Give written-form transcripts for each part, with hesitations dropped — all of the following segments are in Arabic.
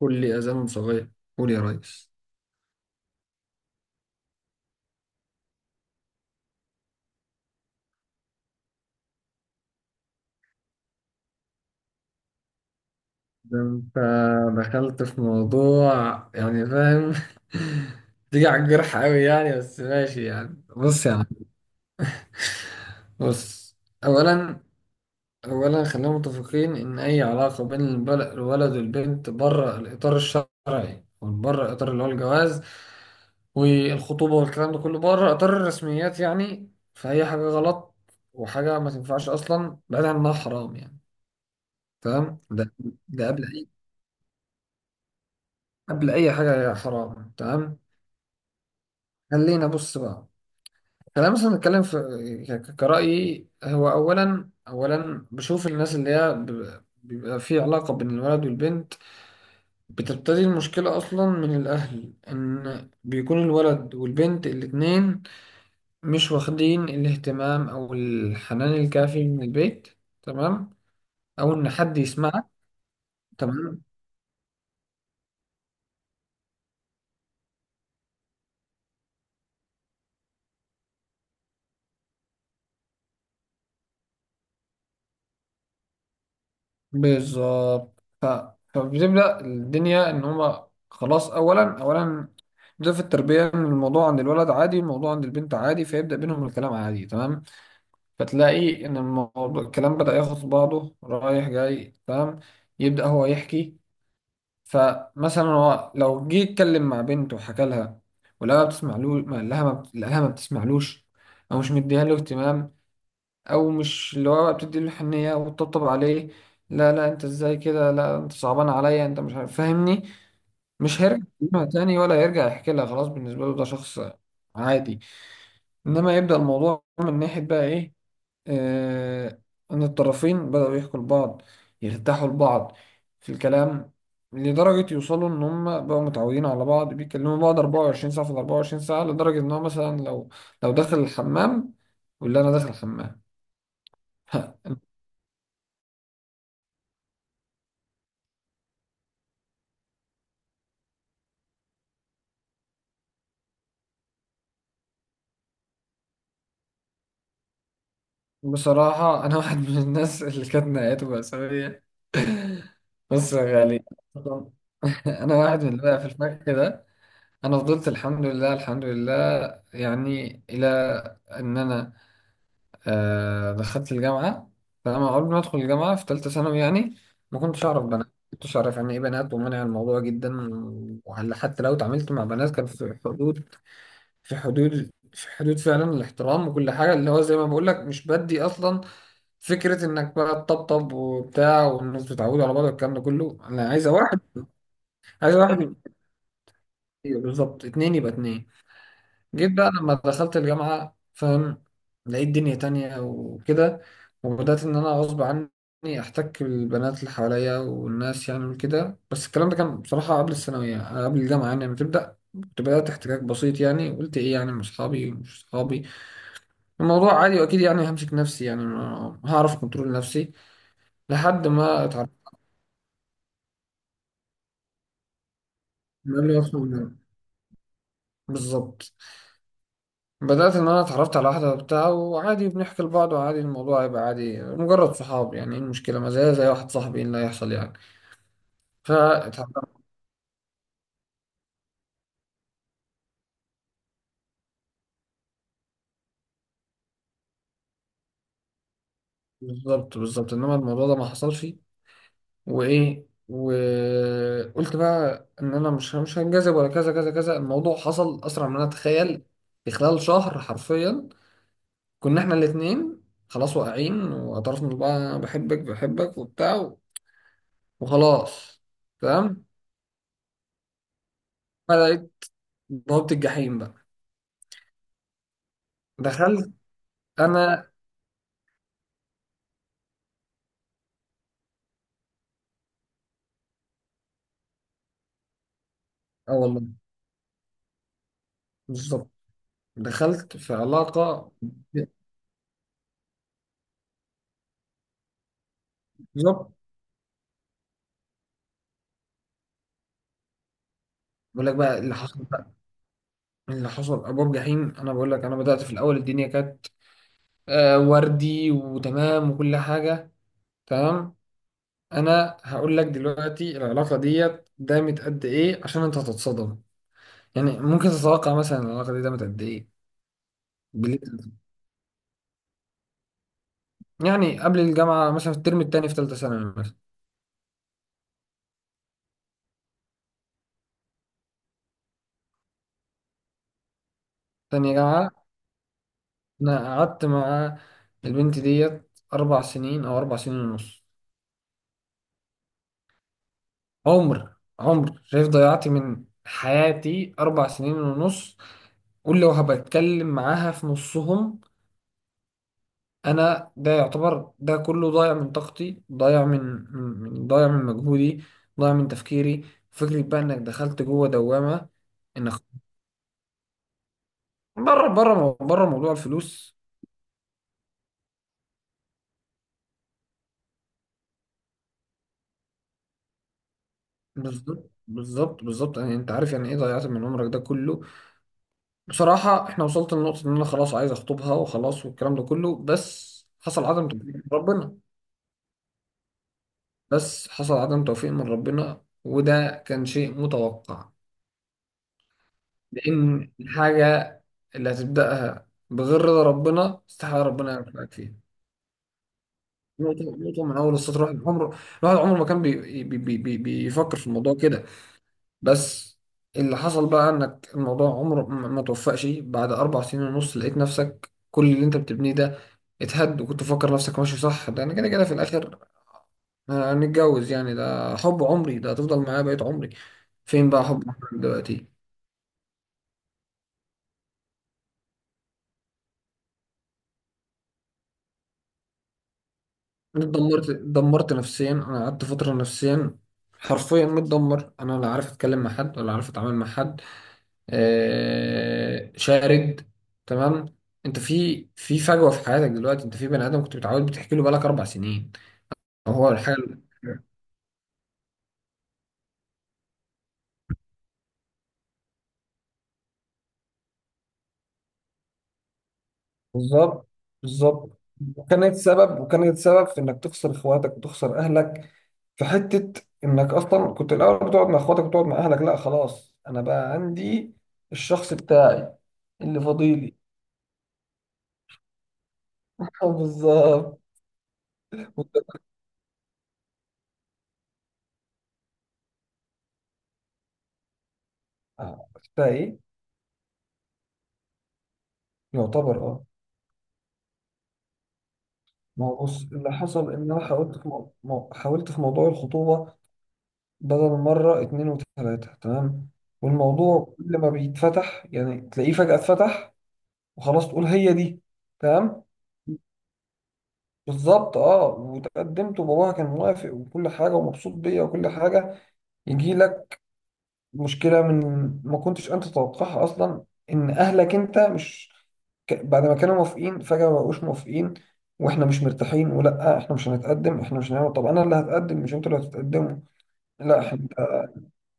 كل أذان صغير قول يا ريس. ده أنت دخلت في موضوع يعني، فاهم؟ تيجي على الجرح أوي يعني، بس ماشي يعني. بص يا عم، بص. أولا خلينا متفقين إن أي علاقة بين الولد والبنت بره الإطار الشرعي، بره الإطار اللي هو الجواز والخطوبة والكلام ده كله، بره إطار الرسميات يعني، فهي حاجة غلط وحاجة ما تنفعش أصلا، بعيد عن إنها حرام يعني. تمام، ده قبل اي حاجه يا حرام. تمام، خلينا بص بقى، خلينا مثلا نتكلم في كرأيي هو. اولا اولا بشوف الناس اللي هي بيبقى في علاقه بين الولد والبنت، بتبتدي المشكله اصلا من الاهل، ان بيكون الولد والبنت الاتنين مش واخدين الاهتمام او الحنان الكافي من البيت، تمام، او ان حد يسمعك. تمام، بالظبط. فبتبدأ الدنيا إن هما خلاص. أولا ده في التربية، إن الموضوع عند الولد عادي، الموضوع عند البنت عادي، فيبدأ بينهم الكلام عادي، تمام. فتلاقي إن الموضوع الكلام بدأ ياخد بعضه رايح جاي، تمام. يبدأ هو يحكي، فمثلا هو لو جه يتكلم مع بنت وحكى لها ولقاها بتسمع له، ما لها ما بتسمعلوش، أو مش مديها له اهتمام، او مش اللي هو بتدي له حنيه وتطبطب عليه، لا لا انت ازاي كده، لا انت صعبان عليا، انت مش عارف، فاهمني؟ مش هيرجع يكلمها تاني ولا هيرجع يحكي لها، خلاص بالنسبه له ده شخص عادي. انما يبدا الموضوع من ناحيه بقى ايه، آه، ان الطرفين بداوا يحكوا لبعض، يرتاحوا لبعض في الكلام، لدرجة يوصلوا إن هما بقوا متعودين على بعض، بيكلموا بعض 24 ساعة في ال 24 ساعة، لدرجة إن هو مثلا لو داخل الحمام يقول لي أنا داخل الحمام. بصراحة أنا واحد من الناس اللي كانت نهايته مأساوية. بص يا غالي، أنا واحد من اللي بقى في الفخ ده. أنا فضلت الحمد لله يعني إلى إن أنا آه دخلت الجامعة. فأنا قبل ما أدخل الجامعة في تالتة ثانوي يعني ما كنتش أعرف بنات، ما كنتش أعرف يعني إيه بنات، ومنع الموضوع جدا. وهل حتى لو اتعاملت مع بنات كان في حدود، في حدود فعلا الاحترام وكل حاجة، اللي هو زي ما بقول لك مش بدي أصلا فكرة انك بقى تطبطب وبتاع والناس بتتعود على بعض والكلام ده كله. انا عايزة واحد، يبقى كتير، بالظبط، اتنين يبقى اتنين. جيت بقى لما دخلت الجامعة، فاهم، لقيت دنيا تانية وكده، وبدأت ان انا غصب عني احتك بالبنات اللي حواليا والناس يعني وكده. بس الكلام ده كان بصراحة قبل الثانوية، قبل الجامعة يعني لما تبدأ كنت بدأت احتكاك بسيط يعني. قلت ايه يعني، مش صحابي، الموضوع عادي، واكيد يعني همسك نفسي يعني، هعرف كنترول نفسي لحد ما اتعرفت. مال يفهم منه. بالظبط. بدأت إن أنا اتعرفت على واحدة وبتاع، وعادي بنحكي لبعض، وعادي الموضوع يبقى عادي مجرد صحاب يعني. إيه المشكلة؟ ما زي واحد صاحبي، إيه اللي هيحصل يعني؟ فتعرفت. بالظبط، بالظبط. إنما الموضوع ده ما حصلش، وإيه، وقلت بقى إن أنا مش هنجذب ولا كذا كذا كذا. الموضوع حصل أسرع من أنا أتخيل. في خلال شهر حرفيا كنا إحنا الاتنين خلاص واقعين، واعترفنا لبعض أنا بحبك، بحبك وبتاع، وخلاص. تمام، بدأت بوابة الجحيم بقى، دخلت أنا. أه والله، بالظبط، دخلت في علاقة. بالظبط، بقول لك بقى اللي حصل بقى، اللي حصل أبواب جحيم. أنا بقول لك أنا بدأت في الأول الدنيا كانت آه وردي وتمام وكل حاجة. تمام، أنا هقول لك دلوقتي العلاقة ديت دامت قد إيه عشان أنت هتتصدم، يعني ممكن تتوقع مثلا العلاقة دي دامت قد إيه؟ بال- يعني قبل الجامعة مثلا في الترم التاني في تالتة ثانوي مثلا. تانية جامعة. انا قعدت مع البنت ديت اربع سنين، او اربع سنين ونص. عمر، شايف ضيعت من حياتي اربع سنين ونص، ولو هبتكلم معاها في نصهم، انا ده يعتبر ده كله ضايع من طاقتي، ضايع من من ضايع من مجهودي، ضايع من تفكيري. فكرة بقى انك دخلت جوه دوامة، انك بره موضوع الفلوس. بالظبط، بالظبط يعني انت عارف يعني ايه ضيعت من عمرك ده كله. بصراحة احنا وصلت لنقطة ان انا خلاص عايز اخطبها وخلاص والكلام ده كله، بس حصل عدم توفيق من ربنا. وده كان شيء متوقع، لان الحاجة اللي هتبدأها بغير رضا ربنا استحالة ربنا يوفقك فيها. نقطة من أول السطر الواحد عمره، ما كان بي بي بي بي بيفكر في الموضوع كده. بس اللي حصل بقى انك الموضوع عمره ما توفقش. بعد اربع سنين ونص لقيت نفسك كل اللي انت بتبنيه ده اتهد، وكنت مفكر نفسك ماشي صح ده انا كده كده في الاخر هنتجوز يعني، ده حب عمري، ده هتفضل معايا بقيت عمري. فين بقى حب عمرك دلوقتي؟ اتدمرت، اتدمرت نفسيا. انا قعدت فترة نفسيا حرفيا متدمر، انا لا عارف اتكلم مع حد ولا عارف اتعامل مع حد، آه، شارد. تمام، انت في فجوه في حياتك دلوقتي، انت في بني ادم كنت متعود بتحكي له بقالك اربع سنين، وهو الحاجه. بالظبط، بالظبط. وكانت سبب، في انك تخسر اخواتك وتخسر اهلك، في حته انك اصلا كنت الاول بتقعد مع اخواتك وتقعد مع اهلك، لا خلاص انا بقى عندي الشخص بتاعي اللي فاضيلي. بالظبط. وأنت- آه، بتاع ايه، يعتبر اه. ما هو بص اللي حصل ان انا حاولت في حاولت في موضوع الخطوبه بدل مره، اتنين وتلاته، تمام. والموضوع كل ما بيتفتح يعني تلاقيه فجاه اتفتح وخلاص تقول هي دي، تمام. بالظبط اه، وتقدمت وباباها كان موافق وكل حاجه ومبسوط بيا وكل حاجه. يجي لك مشكلة من ما كنتش أنت تتوقعها أصلا، إن أهلك أنت مش بعد ما كانوا موافقين فجأة ما بقوش موافقين، وإحنا مش مرتاحين، ولا إحنا مش هنتقدم، إحنا مش هنعمل، طب أنا اللي هتقدم مش أنتوا اللي هتتقدموا، لا إحنا.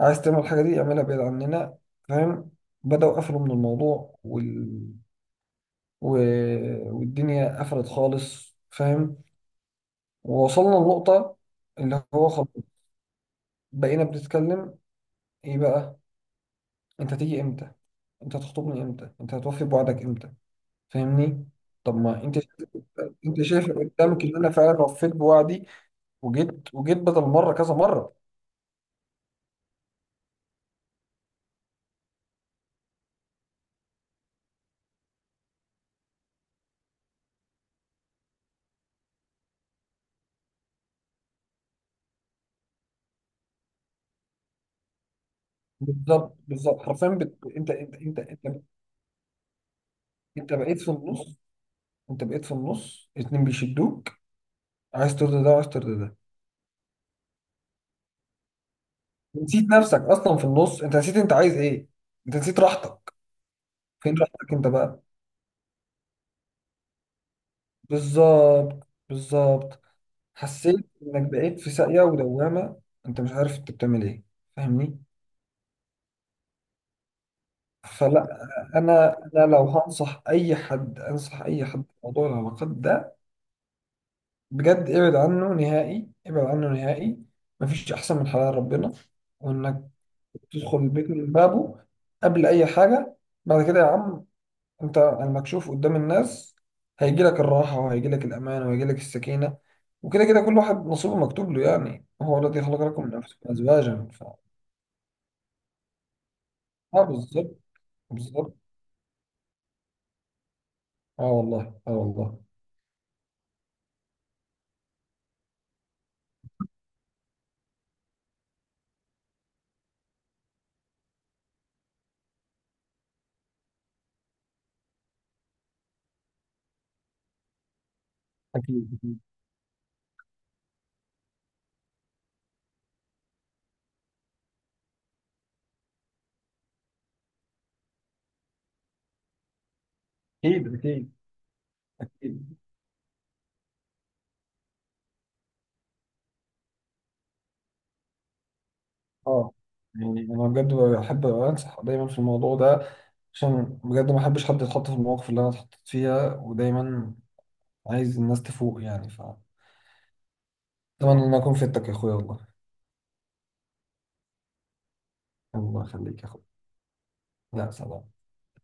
عايز تعمل الحاجة دي اعملها بعيد عننا، فاهم؟ بدأوا قفلوا من الموضوع و... والدنيا قفلت خالص، فاهم. ووصلنا لنقطة اللي هو خلاص بقينا بنتكلم إيه بقى، انت هتيجي امتى؟ انت هتخطبني امتى؟ انت هتوفي بوعدك امتى؟ فاهمني؟ طب ما انت شايف، انت شايف قدامك ان انا فعلا وفيت بوعدي، وجيت بدل مره كذا مره. بالظبط، بالظبط، حرفيا. بت... انت انت انت انت انت بقيت في النص، اتنين بيشدوك، عايز ترضي ده وعايز ترضي ده، نسيت نفسك اصلا. في النص انت نسيت انت عايز ايه، انت نسيت راحتك. فين راحتك انت بقى؟ بالظبط، بالظبط. حسيت انك بقيت في ساقية ودوامة، انت مش عارف انت بتعمل ايه، فاهمني؟ فلا، انا لو هنصح اي حد، انصح اي حد في موضوع العلاقات ده، بجد ابعد عنه نهائي، مفيش احسن من حلال ربنا، وانك تدخل البيت من بابه قبل اي حاجة. بعد كده يا عم انت المكشوف قدام الناس، هيجي لك الراحة، وهيجي لك الامان، وهيجي لك السكينة، وكده كده كل واحد نصيبه مكتوب له يعني، هو الذي خلق لكم من انفسكم ازواجا. اه بالظبط، بالظبط. اه والله، اه والله. اكيد اكيد اكيد، اكيد أكيد. اه، يعني انا بجد بحب انصح دايما في الموضوع ده، عشان بجد ما احبش حد يتحط في المواقف اللي انا اتحطيت فيها، ودايما عايز الناس تفوق يعني. ف اتمنى ان أنا اكون فدتك يا اخويا والله. الله يخليك يا اخويا. لا سلام.